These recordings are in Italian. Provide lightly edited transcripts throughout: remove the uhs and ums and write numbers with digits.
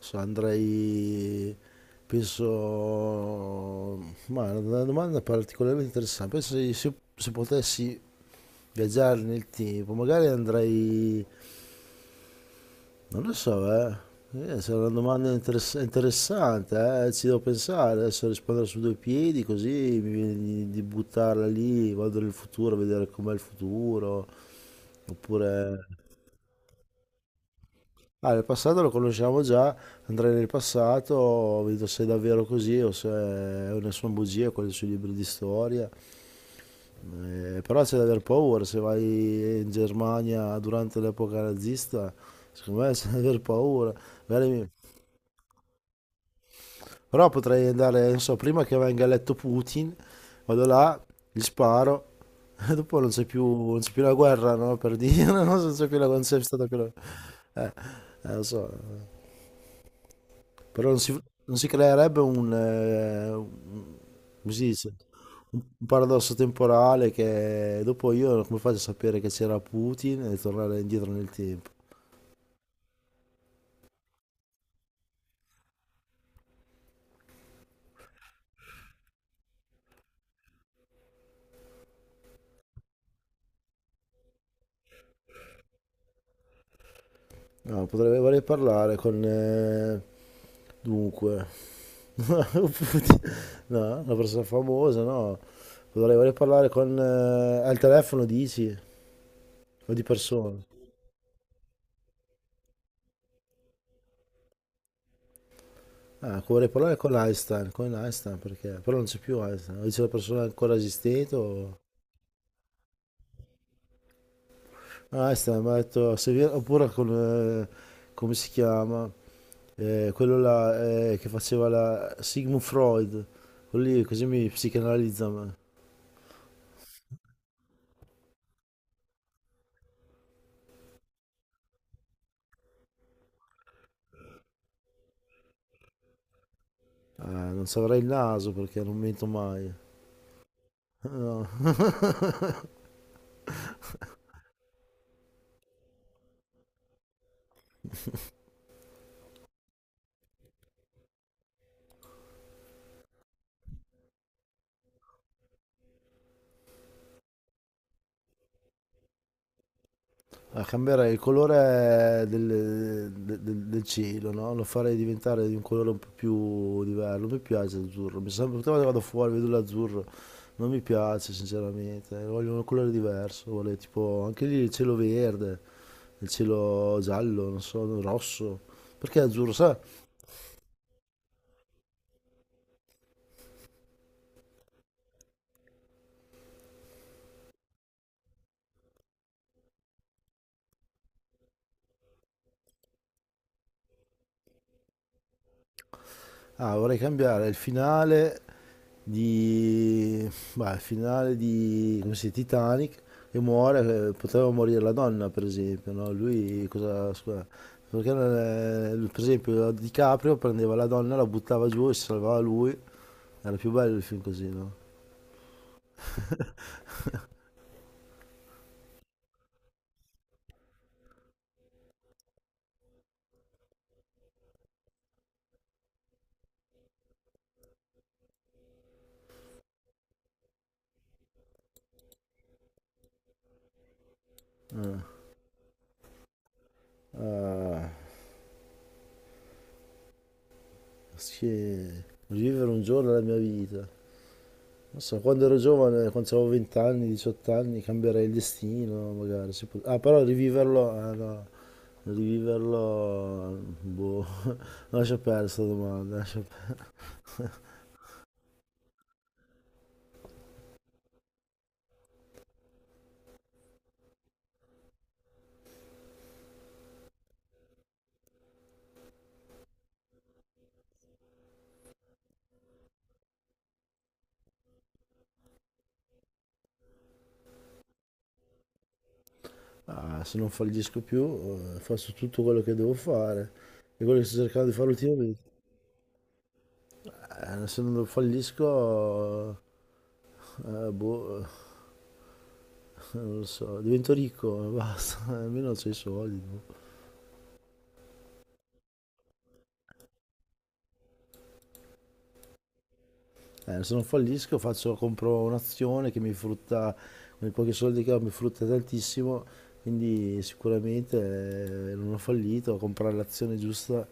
So, andrei, penso, ma è una domanda particolarmente interessante. Penso se potessi viaggiare nel tempo, magari andrei, non lo so. Se è una domanda interessante, ci devo pensare, adesso rispondere su due piedi, così mi viene di buttarla lì, vado nel futuro a vedere com'è il futuro, oppure... Ah, il passato lo conosciamo già, andrei nel passato, vedo se è davvero così o se o ne sono bugie quelle sui libri di storia. Però c'è da aver paura, se vai in Germania durante l'epoca nazista, secondo me c'è da aver paura. Magari mi- Però potrei andare, non so, prima che venga eletto Putin, vado là, gli sparo, e dopo non c'è più, non c'è più la guerra, no? Per dire, non so, non c'è stata più la... Eh, Lo so. Però non si, Non si creerebbe un, come si dice, un paradosso temporale che dopo io come faccio a sapere che c'era Putin e tornare indietro nel tempo? No, vorrei parlare con... dunque, Putin- no, una persona famosa, no, vorrei parlare con... al telefono dici? O di persona? Ah, vorrei parlare con Einstein perché... Però non c'è più Einstein, o c'è una persona ancora esistente o... Ah, sta, mi ha detto, se vi- oppure con, come si chiama? Quello là che faceva la Sigmund Freud, quello lì così mi psicanalizza a me. Ah, non saprei il naso perché non mento mai. No. Ah, cambierei il colore del cielo, no? Lo farei diventare di un colore un po' più diverso. Non mi piace l'azzurro. Mi sembra che vado fuori, vedo l'azzurro. Non mi piace sinceramente, voglio un colore diverso, vorrei tipo anche lì il cielo verde, il cielo giallo, non so, rosso. Perché azzurro, sai? Ah, vorrei cambiare il finale di... Beh, il finale di... come si dice, Titanic e muore, poteva morire la donna per esempio, no? Lui cosa... scusa, perché non è- per esempio DiCaprio prendeva la donna, la buttava giù e si salvava lui. Era più bello il film così, no? Eh. Eh. Sì, vivere un giorno della mia vita. Non so, quando ero giovane, quando avevo 20 anni, 18 anni, cambierei il destino, magari. Ah, però riviverlo, ah, no, riviverlo, boh, lascia perdere questa domanda. Ah, se non fallisco più, faccio tutto quello che devo fare. E quello che sto cercando di fare ultimamente. Se non fallisco, boh, non lo so, divento ricco, basta, almeno ho i soldi. Se non fallisco faccio, compro un'azione che mi frutta, con i pochi soldi che ho mi frutta tantissimo, quindi sicuramente non ho fallito, ho comprato l'azione giusta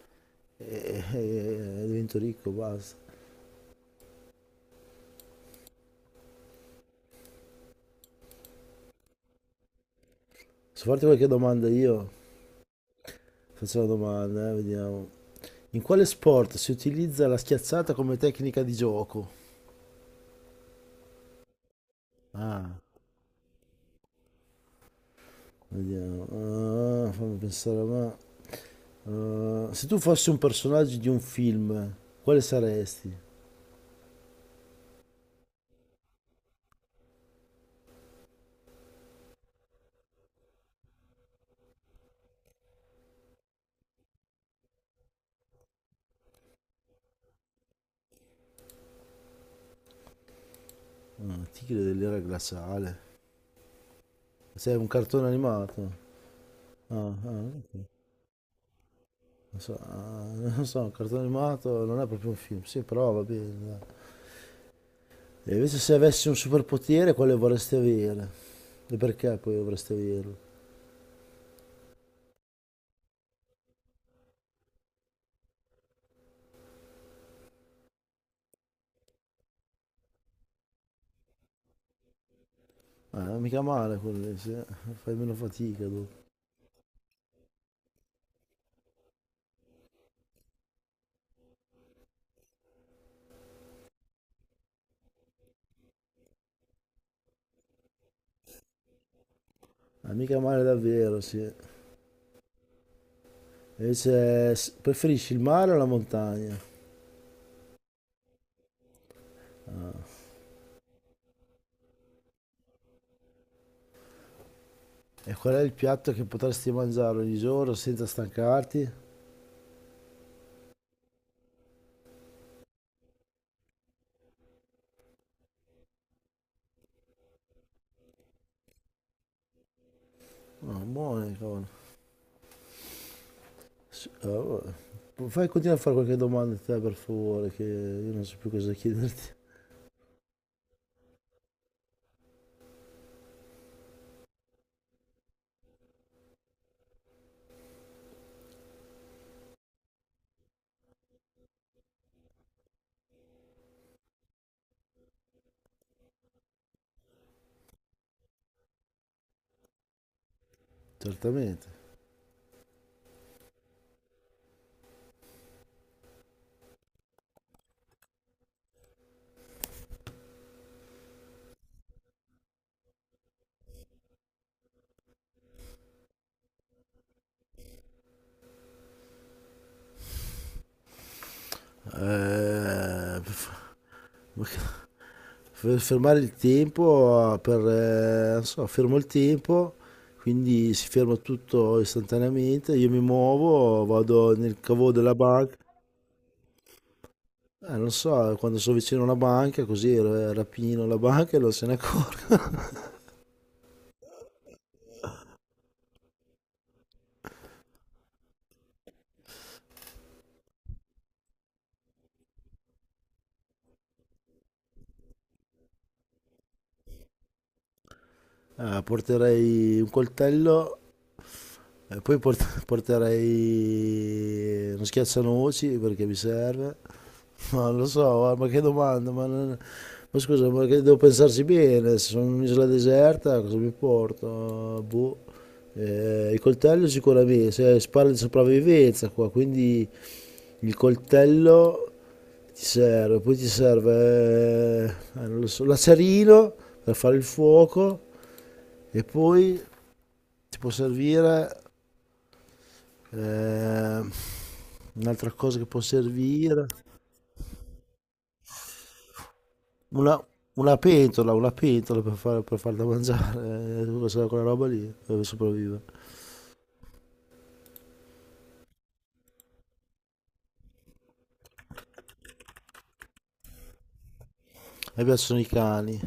e divento ricco, basta. Posso farti qualche domanda io? Faccio una domanda, vediamo. In quale sport si utilizza la schiazzata come tecnica di gioco? Ah, vediamo. Ah, fammi pensare, ma... ah, se tu fossi un personaggio di un film, quale saresti? Tigre dell'era glaciale. Sei un cartone animato. Non so, ah, non so, un cartone animato non è proprio un film. Sì, però va bene, dai. E invece se avessi un superpotere, quale vorresti avere? E perché poi vorresti averlo? Ah, mica male quello, lì, sì, eh. Fai meno fatica dopo. Ah, mica male davvero, sì. Preferisci il mare o la montagna? E qual è il piatto che potresti mangiare ogni giorno senza stancarti? Ah, buone, cavolo. S- eh, Fai, continua a fare qualche domanda a te per favore, che io non so più cosa chiederti. Certamente. Eh, f- ma che- Fermare il tempo per... non so, fermo il tempo, quindi si ferma tutto istantaneamente, io mi muovo, vado nel cavo della banca. Non so, quando sono vicino a una banca, così rapino la banca e non se ne accorgo. Porterei un coltello. Porterei uno schiaccianoci perché mi serve. Ma non lo so, guarda, ma che domanda, ma, non- ma scusa, ma che devo pensarci bene, se sono in un'isola deserta cosa mi porto? Boh. Il coltello sicuramente, se si parla di sopravvivenza qua, quindi il coltello ti serve, poi ti serve, non lo so, l'acerino per fare il fuoco e poi ti può servire. Ehm, Un'altra cosa che può servire, una, una pentola per farla mangiare, quella roba lì, dove sopravvive. A me piacciono i cani.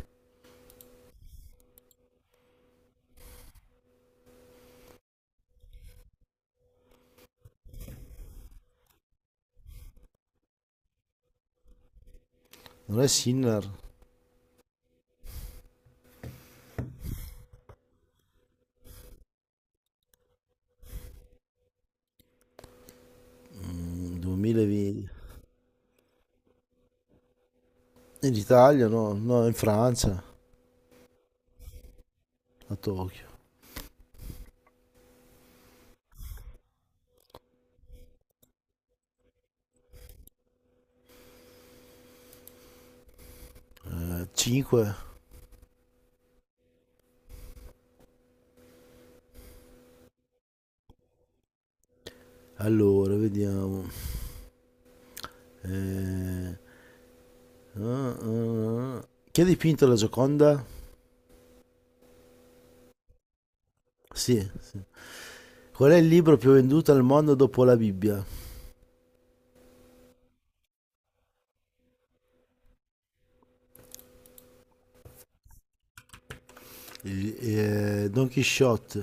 Non è Sinner. Mm, 2020. In Italia no, no, in Francia, a Tokyo. 5, allora, vediamo. Eh, ah. Chi ha dipinto la Gioconda? Sì, sì. Qual è il libro più venduto al mondo dopo la Bibbia? Don Quixote